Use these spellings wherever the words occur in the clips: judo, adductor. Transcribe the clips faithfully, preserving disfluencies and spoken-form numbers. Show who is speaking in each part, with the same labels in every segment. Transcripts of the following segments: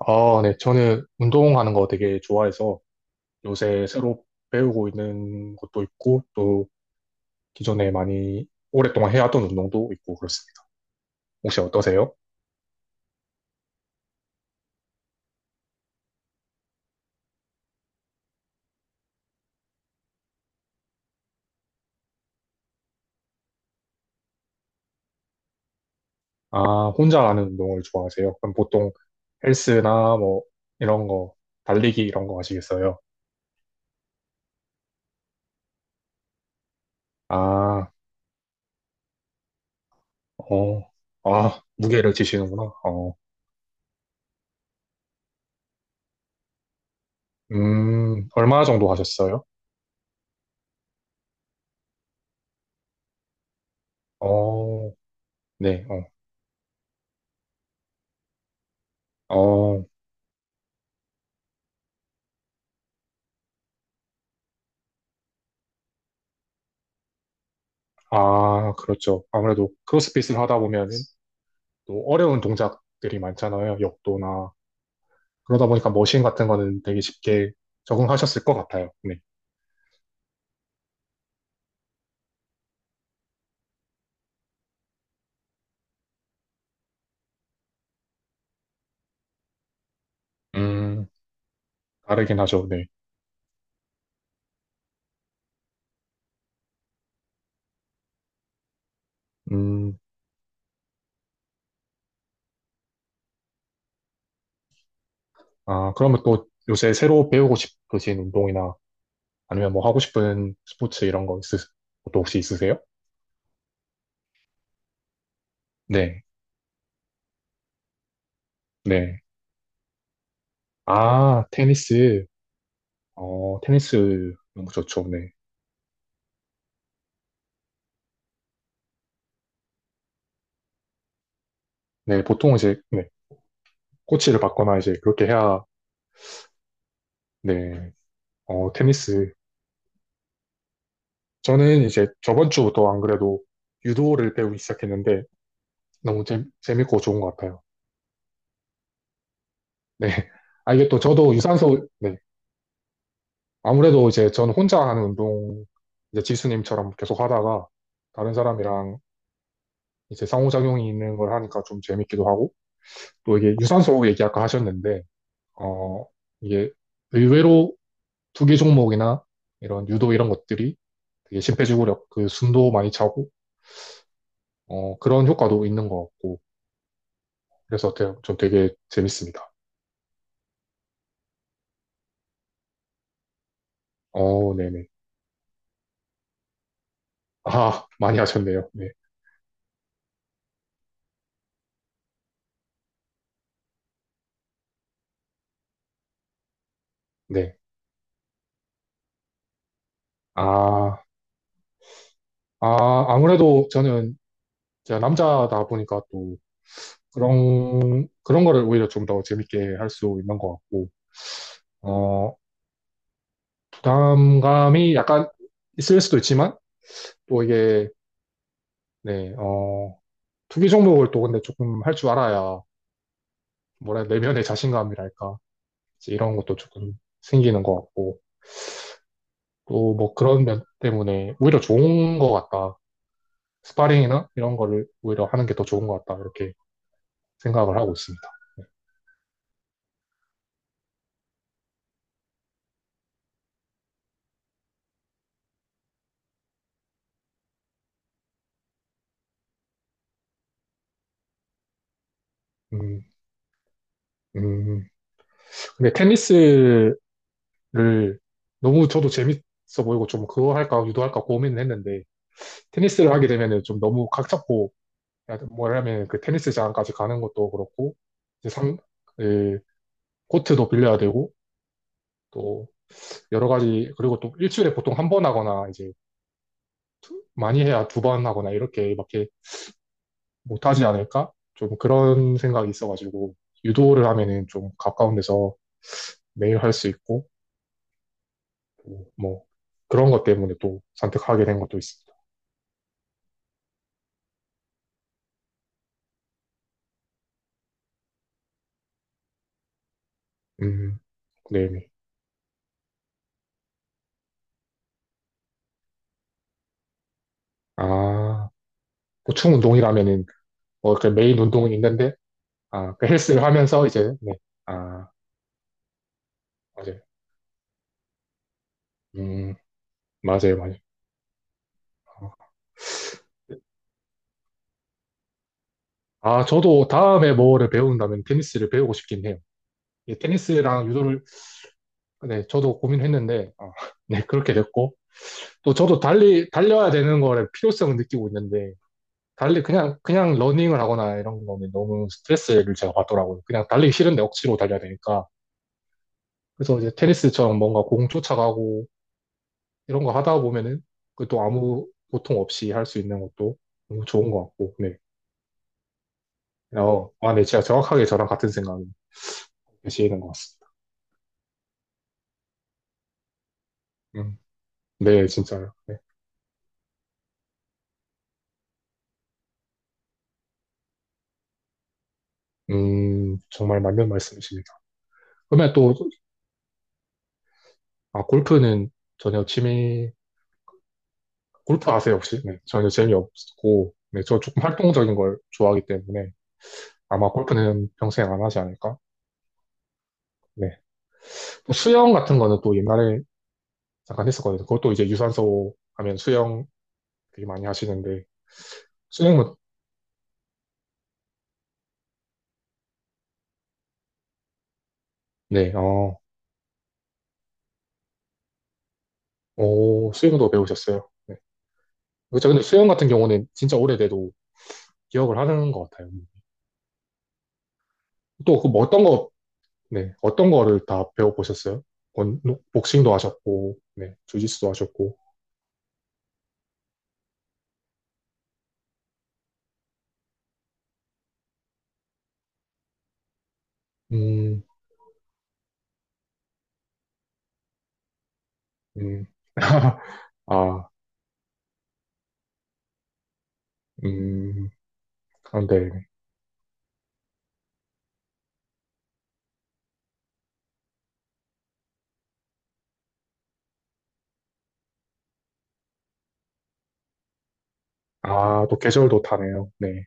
Speaker 1: 아, 네. 저는 운동하는 거 되게 좋아해서 요새 새로 배우고 있는 것도 있고 또 기존에 많이 오랫동안 해왔던 운동도 있고 그렇습니다. 혹시 어떠세요? 아, 혼자 하는 운동을 좋아하세요? 그럼 보통 헬스나 뭐 이런 거, 달리기 이런 거 하시겠어요? 아, 어, 아, 무게를 지시는구나. 어, 음, 얼마 정도 하셨어요? 어, 네, 어, 어, 아, 그렇죠. 아무래도 크로스핏을 하다 보면 또 어려운 동작들이 많잖아요. 역도나. 그러다 보니까 머신 같은 거는 되게 쉽게 적응하셨을 것 같아요. 네. 음, 다르긴 하죠. 네. 음, 아, 그러면 또 요새 새로 배우고 싶으신 운동이나 아니면 뭐 하고 싶은 스포츠 이런 거 있으, 것도 혹시 있으세요? 네. 네. 아, 테니스. 어, 테니스 너무 좋죠. 네. 네, 보통 이제, 네. 코치를 받거나 이제 그렇게 해야, 네. 어, 테니스 저는 이제 저번 주부터 안 그래도 유도를 배우기 시작했는데 너무 재, 재밌고 좋은 것 같아요. 네. 아, 이게 또 저도 유산소, 네. 아무래도 이제 저는 혼자 하는 운동, 이제 지수님처럼 계속 하다가 다른 사람이랑 이제 상호작용이 있는 걸 하니까 좀 재밌기도 하고 또 이게 유산소 얘기 아까 하셨는데, 어, 이게 의외로 투기 종목이나 이런 유도 이런 것들이 되게 심폐지구력, 그 숨도 많이 차고, 어, 그런 효과도 있는 것 같고 그래서 되- 좀 되게 재밌습니다. 어, 네네. 아, 많이 하셨네요. 네. 네. 아, 아, 아무래도 저는 제가 남자다 보니까 또 그런, 그런 거를 오히려 좀 더 재밌게 할 수 있는 것 같고, 어, 부담감이 약간 있을 수도 있지만, 또 이게, 네, 어, 투기 종목을 또 근데 조금 할 줄 알아야, 뭐라, 해야 내면의 자신감이랄까. 이제 이런 것도 조금 생기는 것 같고, 또 뭐 그런 면 때문에 오히려 좋은 것 같다. 스파링이나 이런 거를 오히려 하는 게 더 좋은 것 같다. 이렇게 생각을 하고 있습니다. 음, 음. 근데 테니스를 너무 저도 재밌어 보이고 좀 그거 할까 유도할까 고민을 했는데 테니스를 하게 되면은 좀 너무 각 잡고 뭐야하 뭐냐면 그 테니스장까지 가는 것도 그렇고 이제 상, 그 코트도 빌려야 되고 또 여러 가지 그리고 또 일주일에 보통 한 번 하거나 이제 많이 해야 두 번 하거나 이렇게밖에 못하지 않을까? 좀 그런 생각이 있어가지고 유도를 하면은 좀 가까운 데서 매일 할 수 있고 또뭐 그런 것 때문에 또 선택하게 된 것도 있습니다. 음, 네네. 아, 보충 운동이라면은 뭐 그 메인 운동은 있는데 아, 그 헬스를 하면서 이제 네. 아, 맞아요. 음, 맞아요, 맞아요. 아, 저도 다음에 뭐를 배운다면 테니스를 배우고 싶긴 해요. 이 테니스랑 유도를 네, 저도 고민했는데 아, 네, 그렇게 됐고 또 저도 달리, 달려야 되는 거에 필요성을 느끼고 있는데, 달리 그냥, 그냥 러닝을 하거나 이런 거는 너무 스트레스를 제가 받더라고요. 그냥 달리기 싫은데 억지로 달려야 되니까. 그래서 이제 테니스처럼 뭔가 공 쫓아가고 이런 거 하다 보면은 그것도 아무 고통 없이 할 수 있는 것도 너무 좋은 것 같고, 네. 어, 아, 네, 진짜 정확하게 저랑 같은 생각이 계시는 것 같습니다. 음, 네, 진짜요. 네. 음, 정말 맞는 말씀이십니다. 그러면 또, 아, 골프는 전혀 취미 골프 아세요, 혹시? 네, 전혀 재미없고, 네, 저 조금 활동적인 걸 좋아하기 때문에 아마 골프는 평생 안 하지 않을까? 네. 또 수영 같은 거는 또 옛날에 잠깐 했었거든요. 그것도 이제 유산소 하면 수영 되게 많이 하시는데, 수영은, 네, 어, 오, 수영도 배우셨어요. 네. 그렇죠. 근데 수영 같은 경우는 진짜 오래돼도 기억을 하는 것 같아요. 또, 그뭐 어떤 거, 네, 어떤 거를 다 배워보셨어요? 권- 복싱도 하셨고, 네, 주짓수도 하셨고, 음, 음. 아, 음. 그런데, 아, 또 계절도 타네요. 네.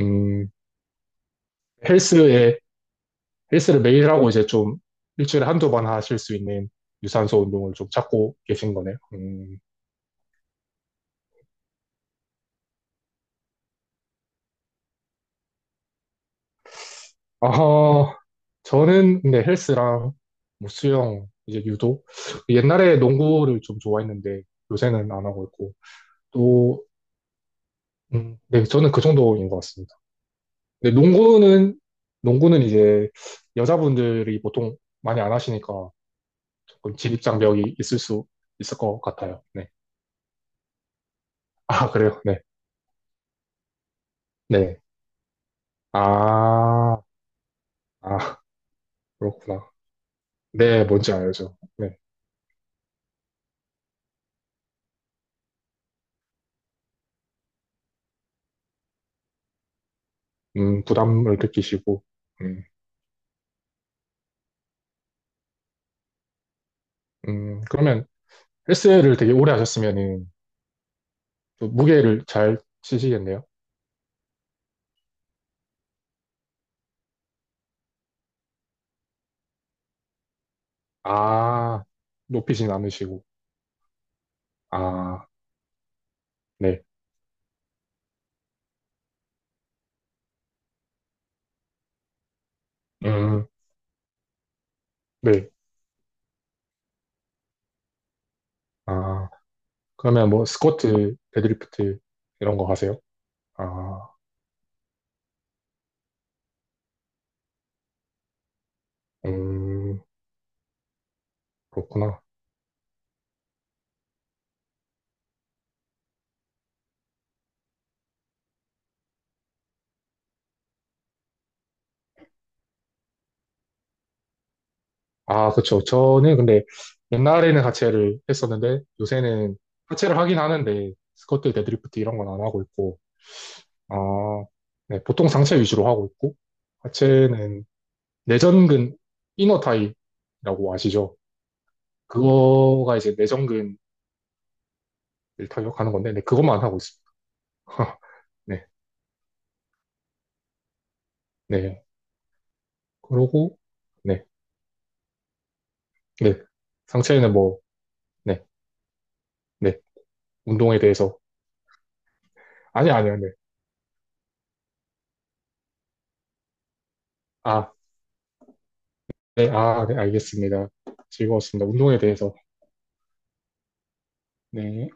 Speaker 1: 음, 헬스에, 헬스를 매일 하고 이제 좀 일주일에 한두 번 하실 수 있는 유산소 운동을 좀 찾고 계신 거네요. 음, 아, 저는 근데 헬스랑 뭐 수영, 이제 유도. 옛날에 농구를 좀 좋아했는데 요새는 안 하고 있고 또, 음, 네, 저는 그 정도인 것 같습니다. 근데 농구는, 농구는 이제 여자분들이 보통 많이 안 하시니까 조금 진입장벽이 있을 수 있을 것 같아요. 네. 아, 그래요? 네. 네. 아, 아, 그렇구나. 네, 뭔지 알죠. 네. 음, 부담을 느끼시고. 음, 음, 그러면 헬스를 되게 오래 하셨으면은 또 무게를 잘 치시겠네요. 아, 높이진 않으시고. 아, 네. 음, 네. 아. 그러면 뭐 스쿼트, 데드리프트 이런 거 하세요? 아, 음, 그렇구나. 아, 그렇죠. 저는 근데 옛날에는 하체를 했었는데 요새는 하체를 하긴 하는데 스쿼트, 데드리프트 이런 건 안 하고 있고, 아, 네, 보통 상체 위주로 하고 있고, 하체는 내전근 이너타이라고 아시죠? 그거가 이제 내전근을 타격하는 건데, 네, 그것만 하고 있습니다. 네, 네. 그러고, 네, 네. 상체는 뭐, 네. 네, 운동에 대해서. 아니, 아니요, 네. 아, 네, 아, 네, 알겠습니다. 즐거웠습니다. 운동에 대해서. 네.